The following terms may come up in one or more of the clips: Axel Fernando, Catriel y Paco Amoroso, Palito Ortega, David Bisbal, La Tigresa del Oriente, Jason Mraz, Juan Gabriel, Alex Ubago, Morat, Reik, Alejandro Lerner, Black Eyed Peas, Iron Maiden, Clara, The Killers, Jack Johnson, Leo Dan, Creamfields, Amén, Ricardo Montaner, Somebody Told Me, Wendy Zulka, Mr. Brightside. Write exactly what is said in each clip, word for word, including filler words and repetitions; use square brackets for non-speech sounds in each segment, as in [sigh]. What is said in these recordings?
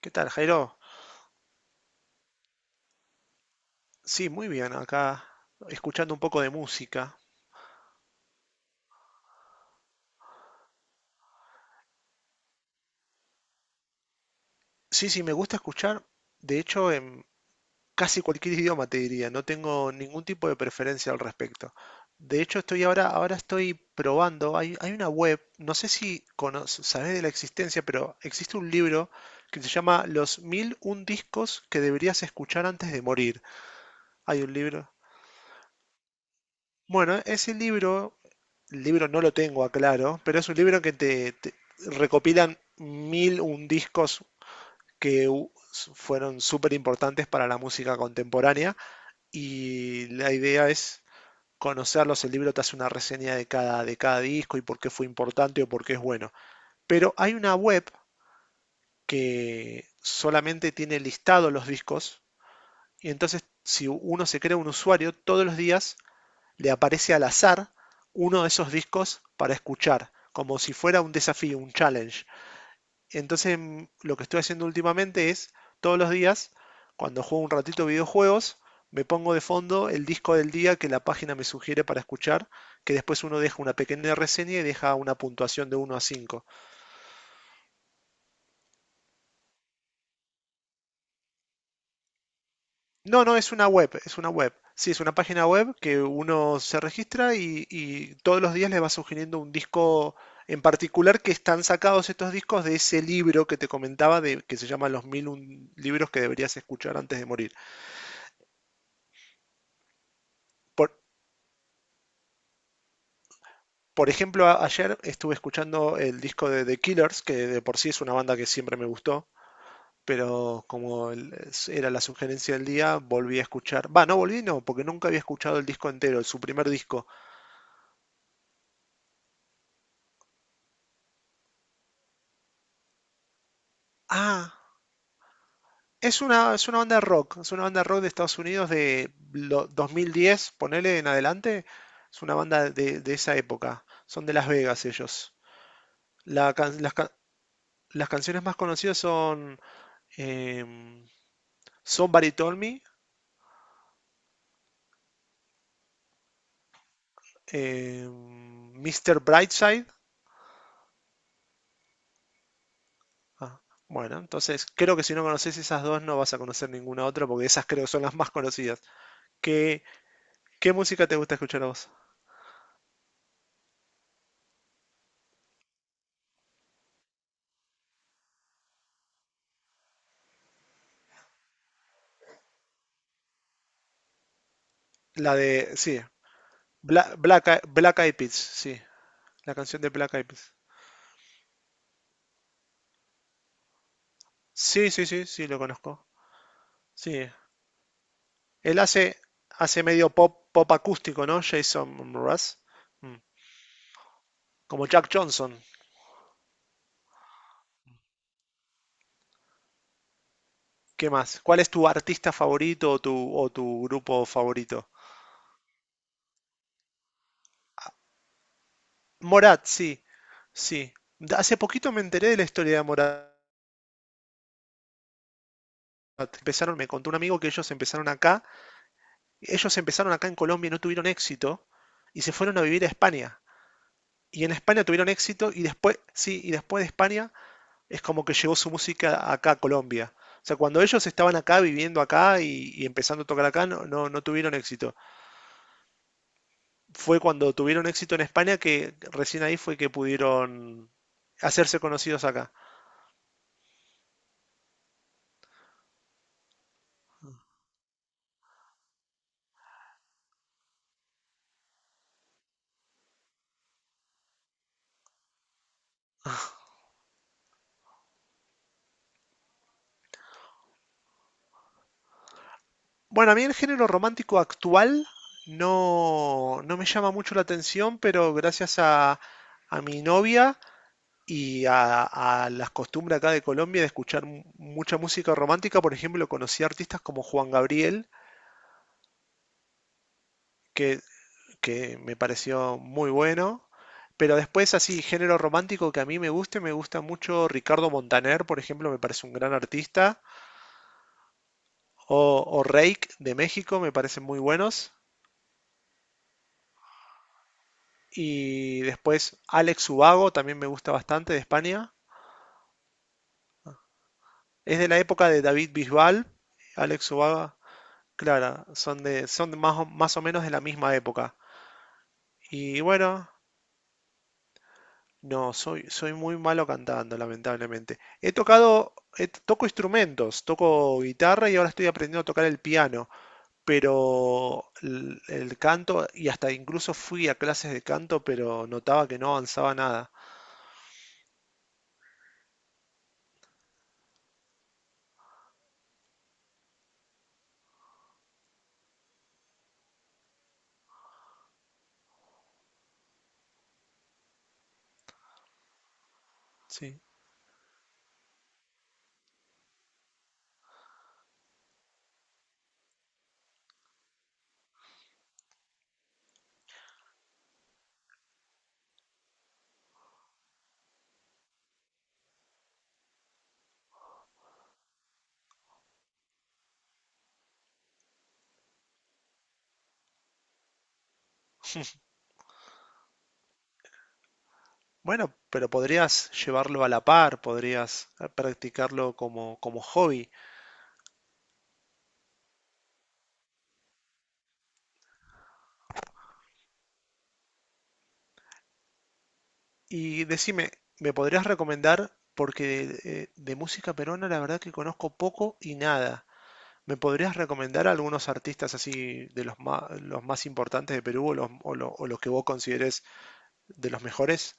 ¿Qué tal, Jairo? Sí, muy bien, acá escuchando un poco de música. Sí, sí, me gusta escuchar, de hecho, en casi cualquier idioma te diría, no tengo ningún tipo de preferencia al respecto. De hecho, estoy ahora, ahora estoy probando, hay, hay una web, no sé si conoces, sabes de la existencia, pero existe un libro que se llama Los mil un discos que deberías escuchar antes de morir. Hay un libro. Bueno, ese libro el libro no lo tengo a claro, pero es un libro que te, te recopilan mil un discos que fueron súper importantes para la música contemporánea y la idea es conocerlos, el libro te hace una reseña de cada, de cada disco y por qué fue importante o por qué es bueno. Pero hay una web que solamente tiene listados los discos y entonces si uno se crea un usuario, todos los días le aparece al azar uno de esos discos para escuchar, como si fuera un desafío, un challenge. Entonces mm, lo que estoy haciendo últimamente es, todos los días, cuando juego un ratito videojuegos, me pongo de fondo el disco del día que la página me sugiere para escuchar, que después uno deja una pequeña reseña y deja una puntuación de uno a cinco. No, no, es una web, es una web. Sí, es una página web que uno se registra y, y todos los días le va sugiriendo un disco en particular que están sacados estos discos de ese libro que te comentaba de, que se llama Los mil un libros que deberías escuchar antes de morir. Por, por ejemplo, a- ayer estuve escuchando el disco de The Killers, que de por sí es una banda que siempre me gustó, pero como el- es- era la sugerencia del día, volví a escuchar. Va, no volví, no, porque nunca había escuchado el disco entero, su primer disco. Ah, Es una, es una banda rock, es una banda rock de Estados Unidos de lo- dos mil diez, ponele en adelante. Es una banda de, de esa época. Son de Las Vegas ellos. La can- las, ca- las canciones más conocidas son em, Somebody Told Me, em, mister Brightside. Ah, bueno, entonces creo que si no conoces esas dos no vas a conocer ninguna otra porque esas creo son las más conocidas. ¿Qué, qué música te gusta escuchar a vos? La de, sí, Bla- Black, Eye- Black Eyed Peas, sí. La canción de Black Eyed Peas. Sí, sí, sí, sí, lo conozco. Sí. Él hace, hace medio pop, pop acústico, ¿no? Jason Mraz. Mm. Como Jack Johnson. ¿Qué más? ¿Cuál es tu artista favorito o tu, o tu grupo favorito? Morat, sí. Sí. Hace poquito me enteré de la historia de Morat. Empezaron, me contó un amigo que ellos empezaron acá. Ellos empezaron acá en Colombia y no tuvieron éxito. Y se fueron a vivir a España. Y en España tuvieron éxito. Y después, sí, y después de España es como que llegó su música acá a Colombia. O sea, cuando ellos estaban acá, viviendo acá y, y empezando a tocar acá, no, no, no tuvieron éxito. Fue cuando tuvieron éxito en España que recién ahí fue que pudieron hacerse conocidos acá. Bueno, a mí el género romántico actual no, no me llama mucho la atención, pero gracias a, a mi novia y a, a, las costumbres acá de Colombia de escuchar mu- mucha música romántica, por ejemplo, conocí a artistas como Juan Gabriel, que que me pareció muy bueno. Pero después así, género romántico que a mí me guste, me gusta mucho Ricardo Montaner, por ejemplo, me parece un gran artista. O, o Reik de México, me parecen muy buenos. Y después Alex Ubago, también me gusta bastante, de España. Es de la época de David Bisbal, Alex Ubago, Clara, son, de, son más, o, más o menos de la misma época. Y bueno, no, soy, soy muy malo cantando, lamentablemente. He tocado, he- toco instrumentos, toco guitarra y ahora estoy aprendiendo a tocar el piano, pero el, el canto, y hasta incluso fui a clases de canto, pero notaba que no avanzaba nada. Sí. Bueno, pero podrías llevarlo a la par, podrías eh, practicarlo como, como hobby. Y decime, ¿me podrías recomendar? Porque eh, de música peruana la verdad que conozco poco y nada. ¿Me podrías recomendar algunos artistas así de los más, los más importantes de Perú o los, o lo- o los que vos consideres de los mejores?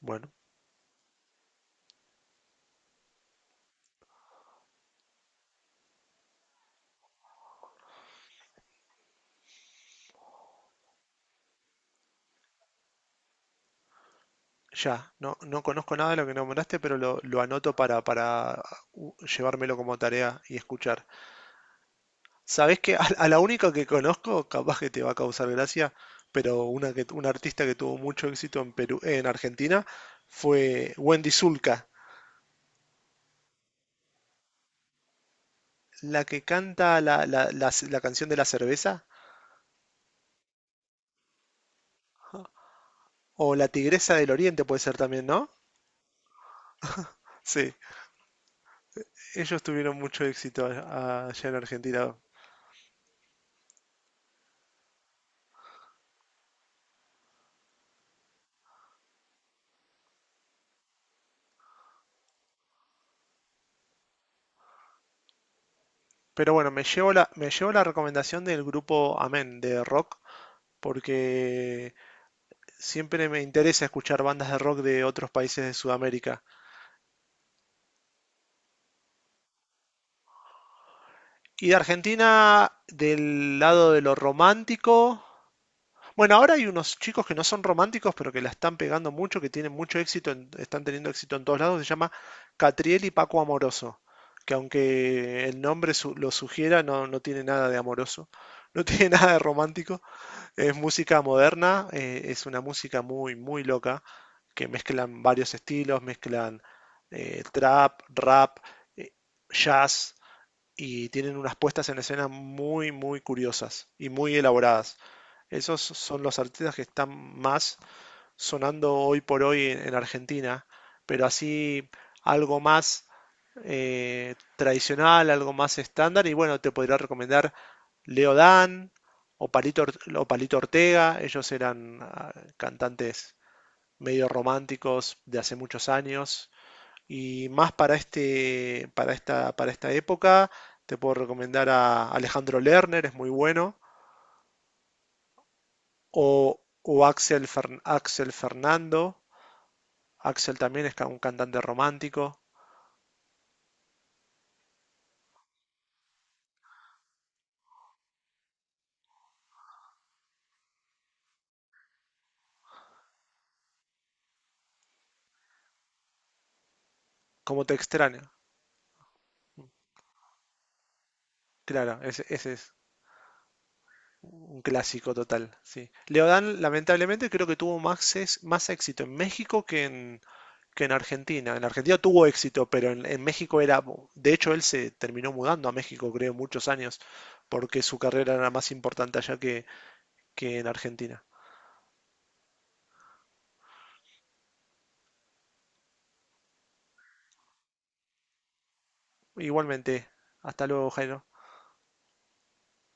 Bueno, ya, no, no conozco nada de lo que nombraste, pero lo, lo anoto para, para uh, llevármelo como tarea y escuchar. ¿Sabés que [laughs] a, a la única que conozco, capaz que te va a causar gracia, pero una que, una artista que tuvo mucho éxito en Perú, en Argentina, fue Wendy Zulka, la que canta la, la la- la canción de la cerveza, o La Tigresa del Oriente puede ser también, ¿no? Sí, ellos tuvieron mucho éxito a- allá en Argentina. Pero bueno, me llevo la, me llevo la recomendación del grupo Amén de rock, porque siempre me interesa escuchar bandas de rock de otros países de Sudamérica. Y de Argentina, del lado de lo romántico, bueno, ahora hay unos chicos que no son románticos, pero que la están pegando mucho, que tienen mucho éxito, en- están teniendo éxito en todos lados. Se llama Catriel y Paco Amoroso, que aunque el nombre su- lo sugiera, no, no tiene nada de amoroso, no [laughs] tiene nada de romántico. Es música moderna, eh, es una música muy, muy loca, que mezclan varios estilos, mezclan eh, trap, rap, eh, jazz, y tienen unas puestas en escena muy, muy curiosas y muy elaboradas. Esos so, son los artistas que están más sonando hoy por hoy en, en Argentina, pero así algo más eh, tradicional, algo más estándar, y bueno, te podría recomendar Leo Dan o Palito, o Palito Ortega, ellos eran ah, cantantes medio románticos de hace muchos años, y más para este, para esta, para esta época, te puedo recomendar a Alejandro Lerner, es muy bueno. o, o Axel, Fer- Axel Fernando. Axel también es un cantante romántico. Como te extraña. Claro, ese, ese es un clásico total. Sí. Leodán, lamentablemente, creo que tuvo más, es- más éxito en México que en, que en Argentina. En Argentina tuvo éxito, pero en, en México era. De hecho, él se terminó mudando a México, creo, muchos años, porque su carrera era más importante allá que, que en Argentina. Igualmente, hasta luego, Jairo.